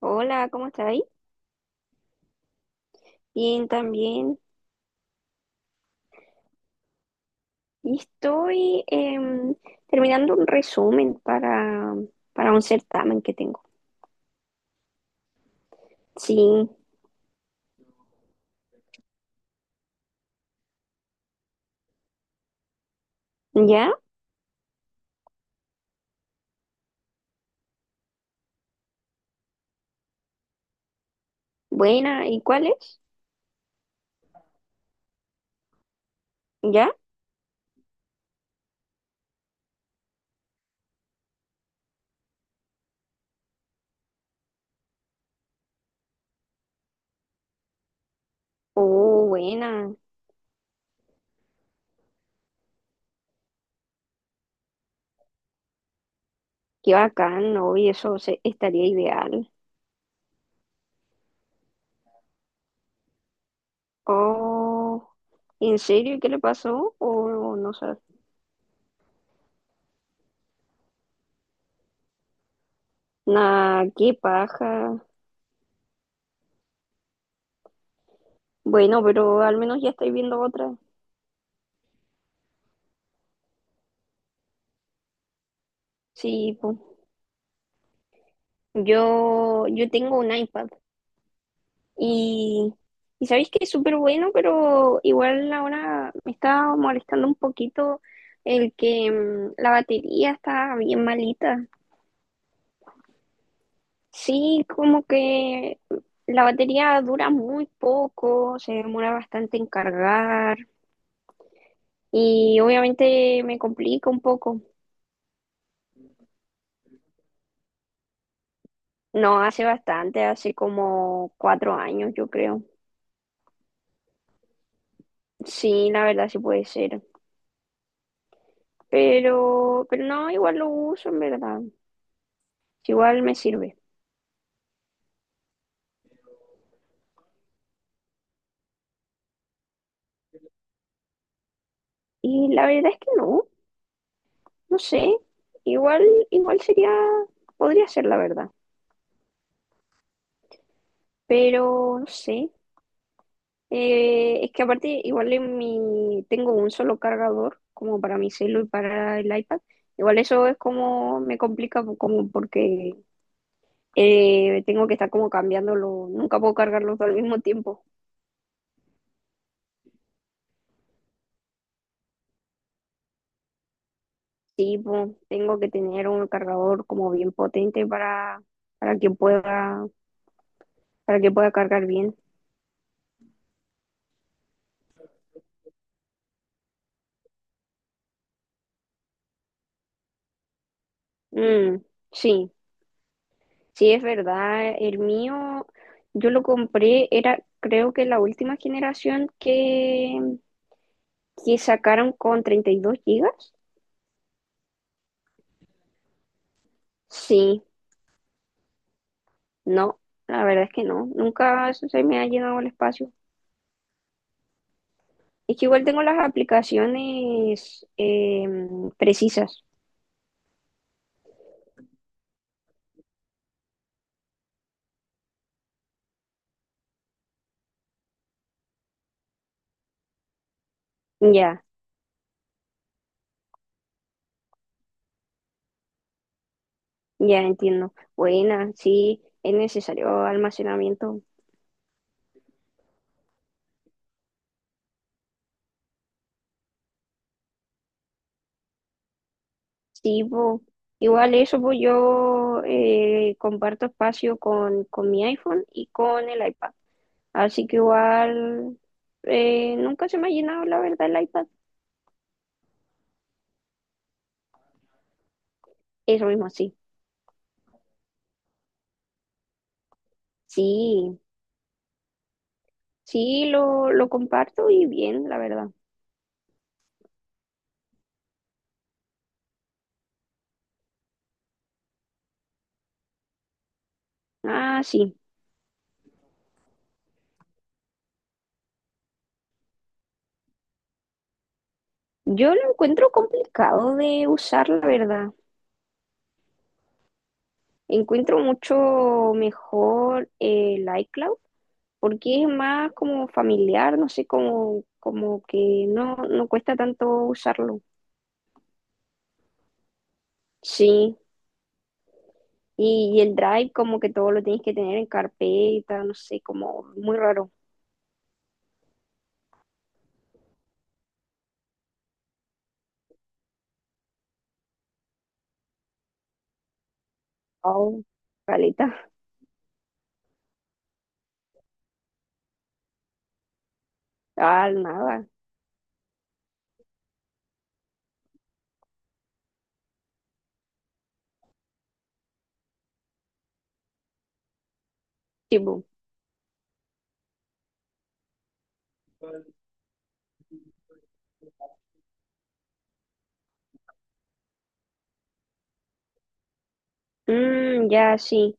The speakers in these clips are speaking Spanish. Hola, ¿cómo estáis? Bien, también. Y estoy terminando un resumen para un certamen que tengo. Sí, ya, buena. ¿Y cuál es? ¿Ya? Oh, buena. Qué bacán, ¿no? Y eso estaría ideal. Oh, ¿en serio? ¿Y qué le pasó? Oh, no sé. Nah, qué paja. Bueno, pero al menos ya estoy viendo otra. Sí, po. Yo tengo un iPad. Y, y sabéis que es súper bueno, pero igual ahora me está molestando un poquito el que la batería está bien malita. Sí, como que la batería dura muy poco, se demora bastante en cargar y obviamente me complica un poco. No, hace bastante, hace como cuatro años, yo creo. Sí, la verdad sí puede ser. Pero no, igual lo uso en verdad. Igual me sirve. Y la verdad es que no, no sé. Igual, igual podría ser la verdad, pero no sé. Es que aparte, igual tengo un solo cargador, como para mi celu y para el iPad. Igual eso es como me complica, como porque tengo que estar como cambiándolo. Nunca puedo cargarlos al mismo tiempo. Sí, pues, tengo que tener un cargador como bien potente para que pueda, para que pueda cargar bien. Mm, sí. Sí, es verdad. Yo lo compré, era creo que la última generación que sacaron con 32 gigas. Sí, no, la verdad es que no. Nunca se me ha llenado el espacio. Es que igual tengo las aplicaciones precisas. Ya, ya entiendo. Buena, sí, es necesario almacenamiento. Sí, po. Igual eso, pues yo comparto espacio con mi iPhone y con el iPad. Así que igual nunca se me ha llenado, la verdad, el iPad. Eso mismo, sí. Sí, sí, lo comparto y bien, la verdad. Ah, sí. Yo lo encuentro complicado de usar, la verdad. Encuentro mucho mejor el iCloud porque es más como familiar, no sé, como que no cuesta tanto usarlo. Sí, y el Drive como que todo lo tienes que tener en carpeta, no sé, como muy raro. Oh, caleta. Ah, nada. Tipo, ya, sí,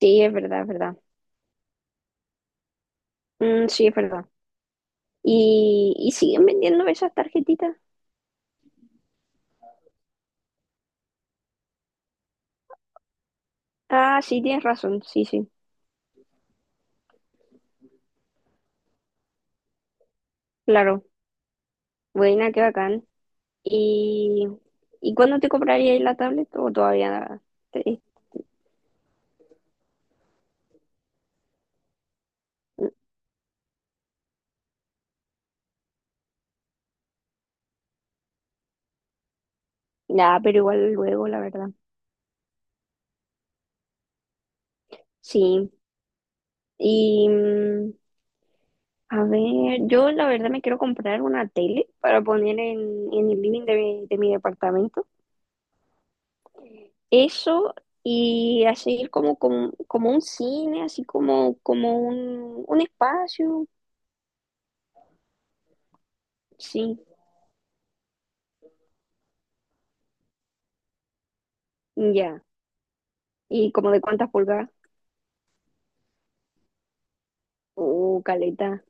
sí, es verdad, es verdad. Mm, sí, es verdad. ¿Y siguen vendiendo esas tarjetitas? Ah, sí, tienes razón, sí, sí, claro. Buena, qué bacán. ¿Y, y cuándo te comprarías la tablet o todavía nada? Ya, pero igual luego, la verdad. Sí. Y a ver, yo la verdad me quiero comprar una tele para poner en el living de mi departamento. Eso y así como un cine, así como un espacio. Sí, ya. ¿Y como de cuántas pulgadas? Caleta.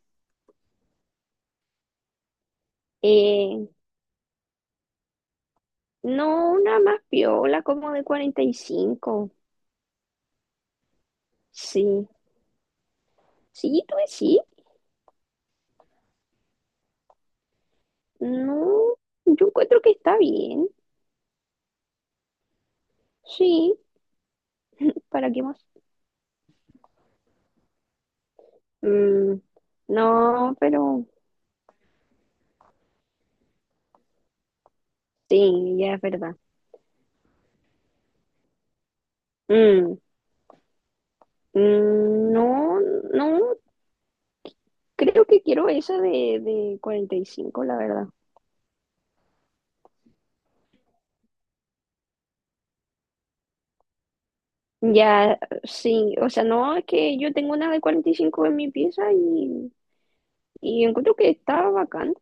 Eh, no, una más piola, como de 45. Sí. Sí, tú sí. No, yo encuentro que está bien. Sí, ¿para qué más? Mm, no, pero sí, ya es verdad. Mm, mm, no, no, creo que quiero esa de 45 la verdad. Ya, sí, o sea, no, es que yo tengo una de 45 en mi pieza y encuentro que está bacán.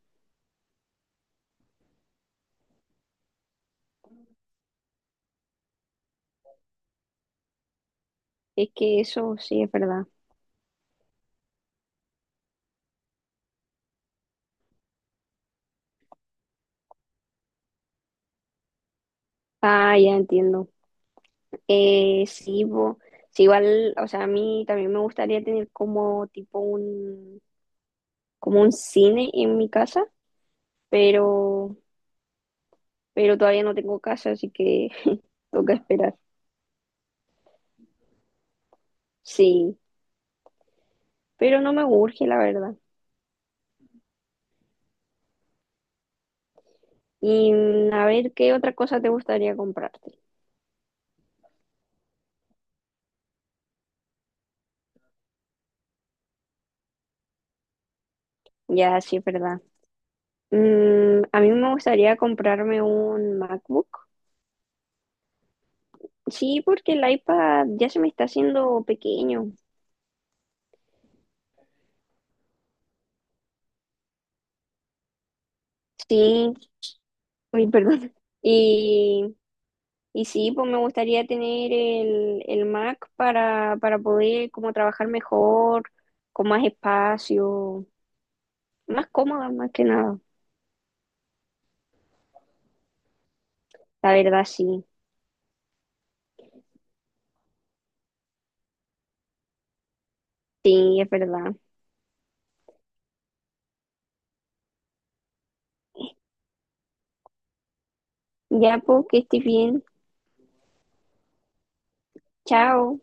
Es que eso sí es verdad. Ah, ya entiendo. Sí, sí, igual, o sea, a mí también me gustaría tener como como un cine en mi casa, pero, pero todavía no tengo casa, así que toca esperar. Sí, pero no me urge, la verdad. Y a ver, ¿qué otra cosa te gustaría comprarte? Ya, sí, es verdad. A mí me gustaría comprarme un MacBook. Sí, porque el iPad ya se me está haciendo pequeño. Sí, uy, perdón. Y Y sí, pues me gustaría tener el Mac para poder como trabajar mejor, con más espacio, más cómoda más que nada. La verdad, sí, sí, es verdad. Ya, pues que estés bien. Chao.